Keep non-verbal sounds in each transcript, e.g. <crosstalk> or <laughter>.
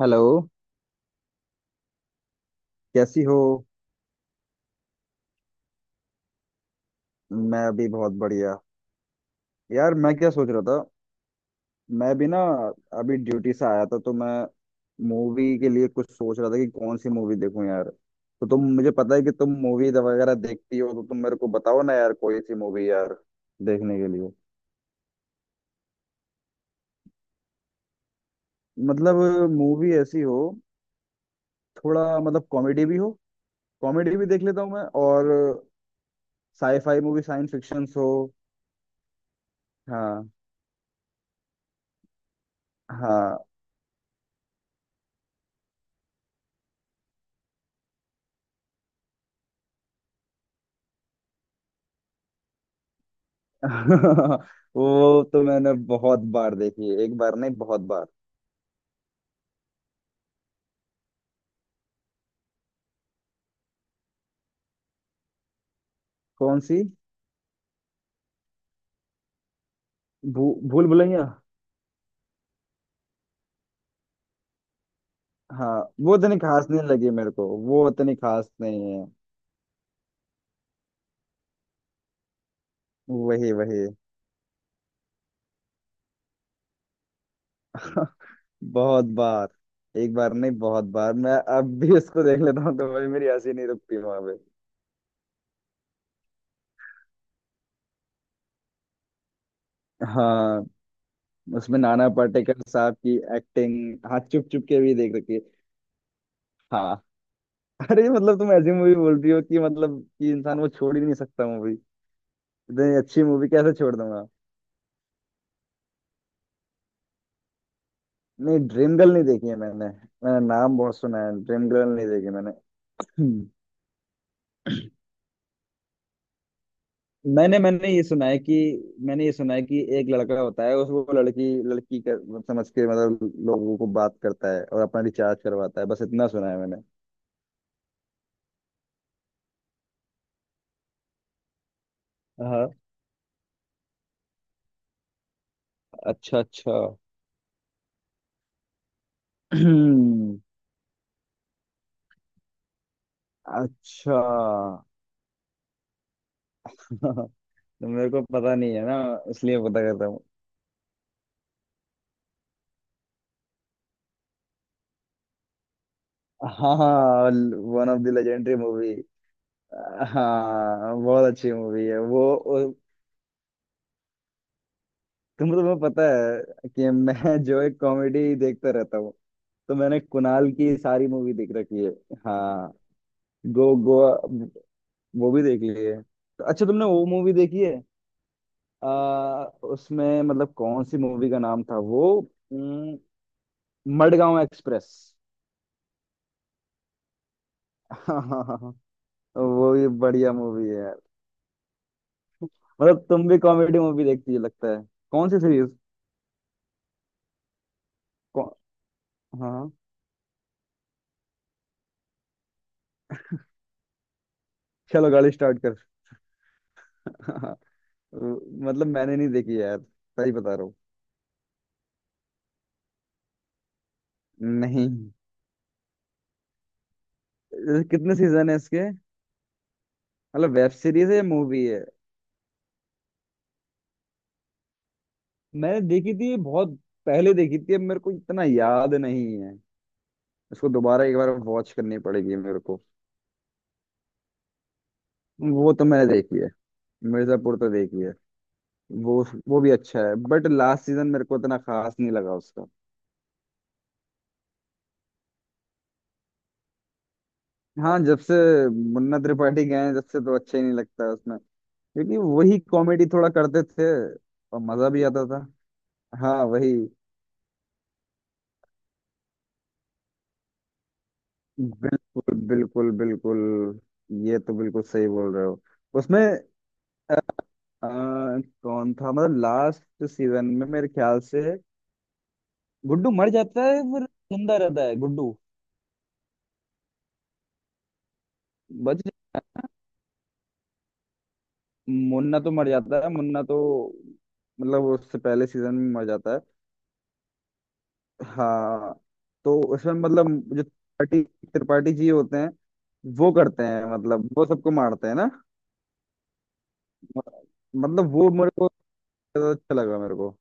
Hello. कैसी हो। मैं अभी बहुत बढ़िया। यार मैं क्या सोच रहा था। मैं भी ना, अभी ड्यूटी से आया था तो मैं मूवी के लिए कुछ सोच रहा था कि कौन सी मूवी देखूं यार। तो तुम, मुझे पता है कि तुम मूवी वगैरह देखती हो तो तुम मेरे को बताओ ना यार कोई सी मूवी यार देखने के लिए। मतलब मूवी ऐसी हो, थोड़ा मतलब कॉमेडी भी हो, कॉमेडी भी देख लेता हूँ मैं, और साईफाई मूवी, साइंस फिक्शन हो। हाँ। हाँ। <laughs> वो तो मैंने बहुत बार देखी है, एक बार नहीं बहुत बार। कौन सी। भू, भूल भुलैया। हाँ वो इतनी खास नहीं लगी मेरे को, वो इतनी खास नहीं है। वही वही। <laughs> बहुत बार। एक बार नहीं बहुत बार। मैं अब भी इसको देख लेता हूँ तो भाई मेरी हंसी नहीं रुकती वहां पे। हाँ, उसमें नाना पाटेकर साहब की एक्टिंग। हाँ, चुप चुप के भी देख रखी है। हाँ। <laughs> अरे मतलब तुम ऐसी मूवी बोल रही हो कि मतलब कि इंसान वो छोड़ ही नहीं सकता मूवी। इतनी अच्छी मूवी कैसे छोड़ दूंगा। नहीं, ड्रीम गर्ल नहीं देखी है। मैंने मैंने नाम बहुत सुना है, ड्रीम गर्ल नहीं देखी मैंने। हम्म। मैंने ये सुना है कि मैंने ये सुना है कि एक लड़का होता है उसको लड़की लड़की कर, समझ के मतलब लोगों को बात करता है और अपना रिचार्ज करवाता है, बस इतना सुना है मैंने। हाँ। अच्छा अच्छा। हम्म, अच्छा। <laughs> तो मेरे को पता नहीं है ना, इसलिए पता करता हूँ। हाँ। One of the legendary movie. हाँ बहुत अच्छी मूवी है वो। तुम तो, तुम्हें पता है कि मैं <laughs> जो एक कॉमेडी देखता रहता हूँ, तो मैंने कुणाल की सारी मूवी देख रखी है। हाँ। गो गोवा वो भी देख ली है। तो अच्छा, तुमने वो मूवी देखी है? उसमें मतलब कौन सी मूवी का नाम था वो। उम, मडगांव एक्सप्रेस। <laughs> हाँ हाँ हाँ हाँ, वो भी बढ़िया मूवी है यार। मतलब तुम भी कॉमेडी मूवी देखती है लगता है। कौन सी सीरीज। कौन। हाँ, चलो गाड़ी स्टार्ट कर। <laughs> मतलब मैंने नहीं देखी यार, सही बता रहा हूँ। नहीं। कितने सीजन है इसके। मतलब वेब सीरीज है या मूवी है? मैंने देखी थी बहुत पहले देखी थी, अब मेरे को इतना याद नहीं है। इसको दोबारा एक बार वॉच करनी पड़ेगी मेरे को। वो तो मैंने देखी है, मिर्जापुर तो देखी है। वो वो भी अच्छा है बट लास्ट सीजन मेरे को इतना खास नहीं लगा उसका। हाँ, जब से मुन्ना त्रिपाठी गए हैं जब से तो अच्छा ही नहीं लगता है उसमें, क्योंकि वही कॉमेडी थोड़ा करते थे और मजा भी आता था। हाँ वही। बिल्कुल बिल्कुल बिल्कुल, ये तो बिल्कुल सही बोल रहे हो उसमें। अ, अ, कौन था मतलब लास्ट सीजन में, मेरे ख्याल से गुड्डू मर जाता है। फिर जिंदा रहता है गुड्डू। बच। मुन्ना तो मर जाता है, मुन्ना तो मतलब उससे पहले सीजन में मर जाता है। हाँ। तो उसमें मतलब जो त्रिपाठी, त्रिपाठी जी होते हैं, वो करते हैं मतलब वो सबको मारते हैं ना। मतलब वो मेरे को ज्यादा अच्छा लगा मेरे को।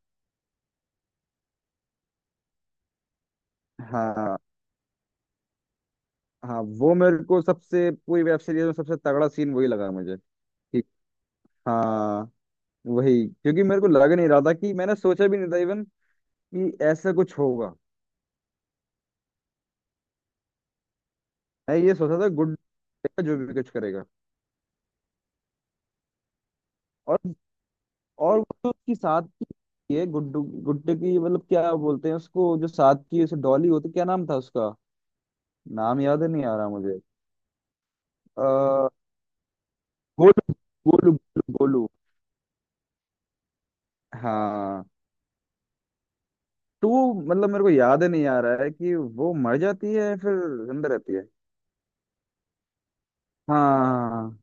हाँ हाँ। वो मेरे को सबसे, पूरी वेब सीरीज में सबसे तगड़ा सीन वही लगा मुझे। कि हाँ, वही, क्योंकि मेरे को लग नहीं रहा था, कि मैंने सोचा भी नहीं था इवन कि ऐसा कुछ होगा। मैं ये सोचा था गुड जो भी कुछ करेगा। और और, वो जो उसकी साथ की, ये गुड्डू गुड्डू की मतलब क्या बोलते हैं उसको, जो साथ की उसे डॉली होती, क्या नाम था उसका, नाम याद नहीं आ रहा मुझे। अ, गोलू। गोलू गोलू। गोलू। हाँ। टू मतलब मेरे को याद नहीं आ रहा है कि वो मर जाती है या फिर जिंदा रहती है। हाँ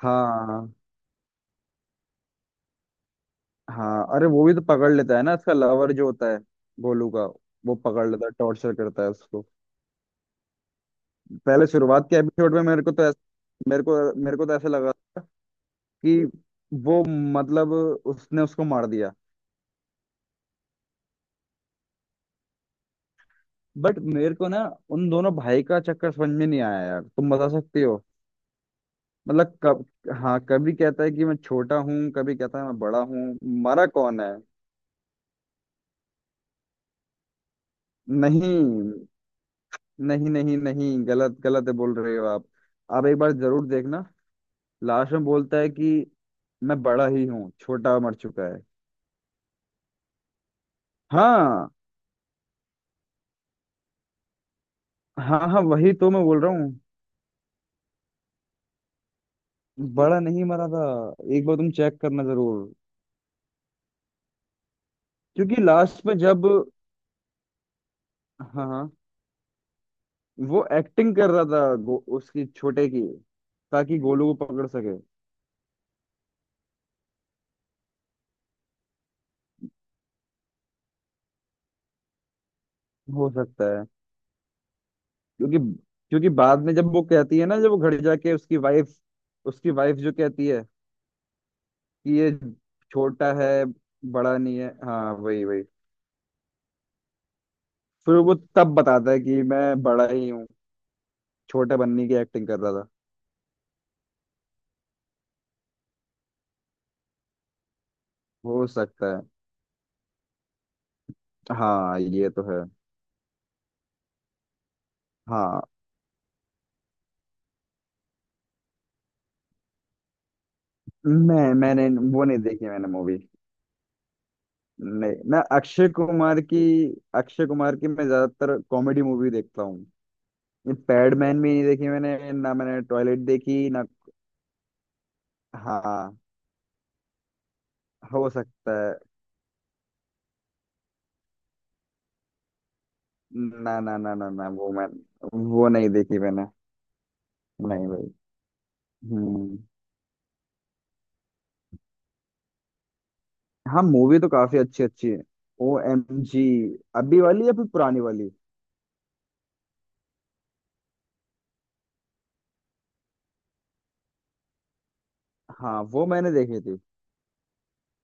हाँ। हाँ, अरे वो भी तो पकड़ लेता है ना, इसका लवर जो होता है गोलू का। वो पकड़ लेता है, टॉर्चर करता है उसको। पहले शुरुआत के एपिसोड में मेरे को तो ऐसा, मेरे को मेरे को तो ऐसा लगा कि वो मतलब उसने उसको मार दिया। बट मेरे को ना उन दोनों भाई का चक्कर समझ में नहीं आया यार, तुम बता सकती हो। मतलब कब, हाँ कभी कहता है कि मैं छोटा हूँ, कभी कहता है मैं बड़ा हूँ, मारा कौन है। नहीं नहीं नहीं, नहीं गलत, गलत है बोल रहे हो आप। आप एक बार जरूर देखना, लास्ट में बोलता है कि मैं बड़ा ही हूँ, छोटा मर चुका है। हाँ। हाँ हाँ वही तो मैं बोल रहा हूँ। बड़ा नहीं मरा था, एक बार तुम चेक करना जरूर। क्योंकि लास्ट में जब, हाँ हाँ, वो एक्टिंग कर रहा था उसकी छोटे की, ताकि गोलू को पकड़ सके। हो सकता है। क्योंकि, क्योंकि बाद में जब वो कहती है ना, जब वो घर जाके उसकी वाइफ, उसकी वाइफ जो कहती है ये छोटा है, बड़ा नहीं है। हाँ वही वही, फिर वो तब बताता है कि मैं बड़ा ही हूँ, छोटा बनने की एक्टिंग कर रहा था। हो सकता है। हाँ ये तो है। हाँ। मैंने वो नहीं देखी मैंने मूवी। नहीं मैं अक्षय कुमार की, अक्षय कुमार की मैं ज्यादातर कॉमेडी मूवी देखता हूँ। ये पैडमैन भी नहीं देखी मैंने ना, मैंने टॉयलेट देखी ना। हाँ। हो सकता है। ना ना ना ना ना, वो मैं, वो नहीं देखी मैंने। नहीं। भाई। हाँ मूवी तो काफी अच्छी अच्छी है। ओ एम जी अभी वाली या फिर पुरानी वाली? हाँ वो मैंने देखी थी।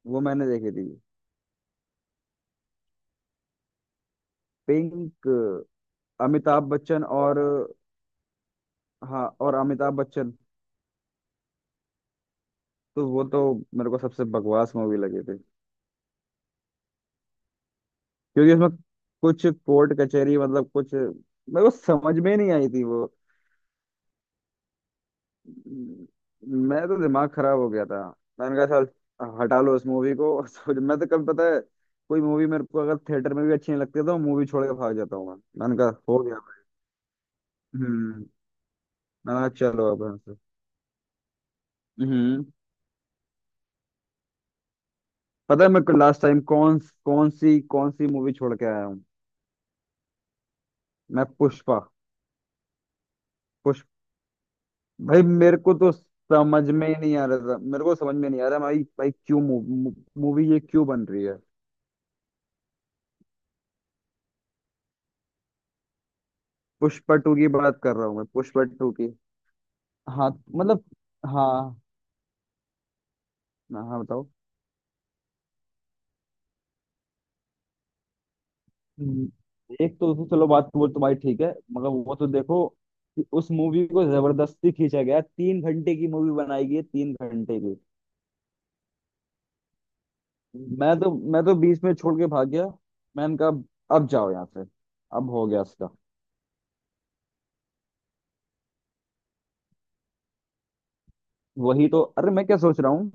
वो मैंने देखी थी। पिंक, अमिताभ बच्चन और, हाँ और अमिताभ बच्चन। तो वो तो मेरे को सबसे बकवास मूवी लगी थी। क्योंकि उसमें कुछ कोर्ट कचहरी मतलब, कुछ मेरे को समझ में नहीं आई थी वो। मैं तो दिमाग खराब हो गया था। मैंने कहा साल हटा लो इस मूवी को। <laughs> तो मैं तो, कभी पता है कोई मूवी मेरे को अगर थिएटर में भी अच्छी नहीं लगती है, तो मूवी छोड़ के भाग जाता हूँ मैं। मैंने कहा हो गया। हम्म। मैंने कहा चलो अब यहाँ से। हम्म। पता है मैं लास्ट टाइम कौन, कौन सी मूवी छोड़ के आया हूँ। मैं पुष्पा, पुष्प, भाई मेरे को तो समझ में ही नहीं आ रहा था, मेरे को समझ में नहीं आ रहा भाई, भाई क्यों मूवी ये क्यों बन रही है। पुष्पा टू की बात कर रहा हूँ मैं, पुष्पा टू की। हाँ मतलब हाँ। हाँ हाँ, बताओ। एक तो चलो बात वो तुम्हारी ठीक है, मगर वो तो देखो कि उस मूवी को जबरदस्ती खींचा गया, तीन घंटे की मूवी बनाई गई है, 3 घंटे की। मैं तो बीच में छोड़ के भाग गया। मैंने कहा अब जाओ यहाँ से, अब हो गया इसका। वही तो, अरे मैं क्या सोच रहा हूँ,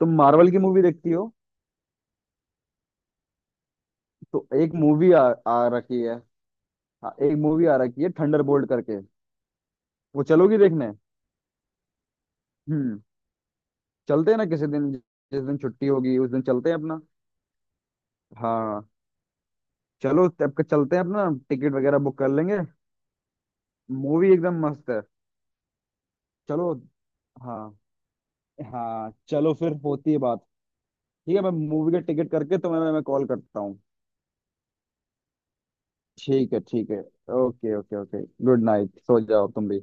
तुम मार्वल की मूवी देखती हो? तो एक मूवी आ रखी है। हाँ, एक मूवी आ रखी है थंडरबोल्ट करके। वो चलोगी देखने? हम्म। चलते हैं ना किसी दिन, जिस दिन छुट्टी होगी उस दिन चलते हैं अपना। हाँ, चलो तब के चलते हैं, अपना टिकट वगैरह बुक कर लेंगे। मूवी एकदम मस्त है। चलो। हाँ हाँ, चलो फिर होती है बात। ठीक है, मैं मूवी का टिकट करके तुम्हें मैं कॉल करता हूँ। ठीक है ठीक है। Okay okay okay, good night, सो जाओ तुम भी।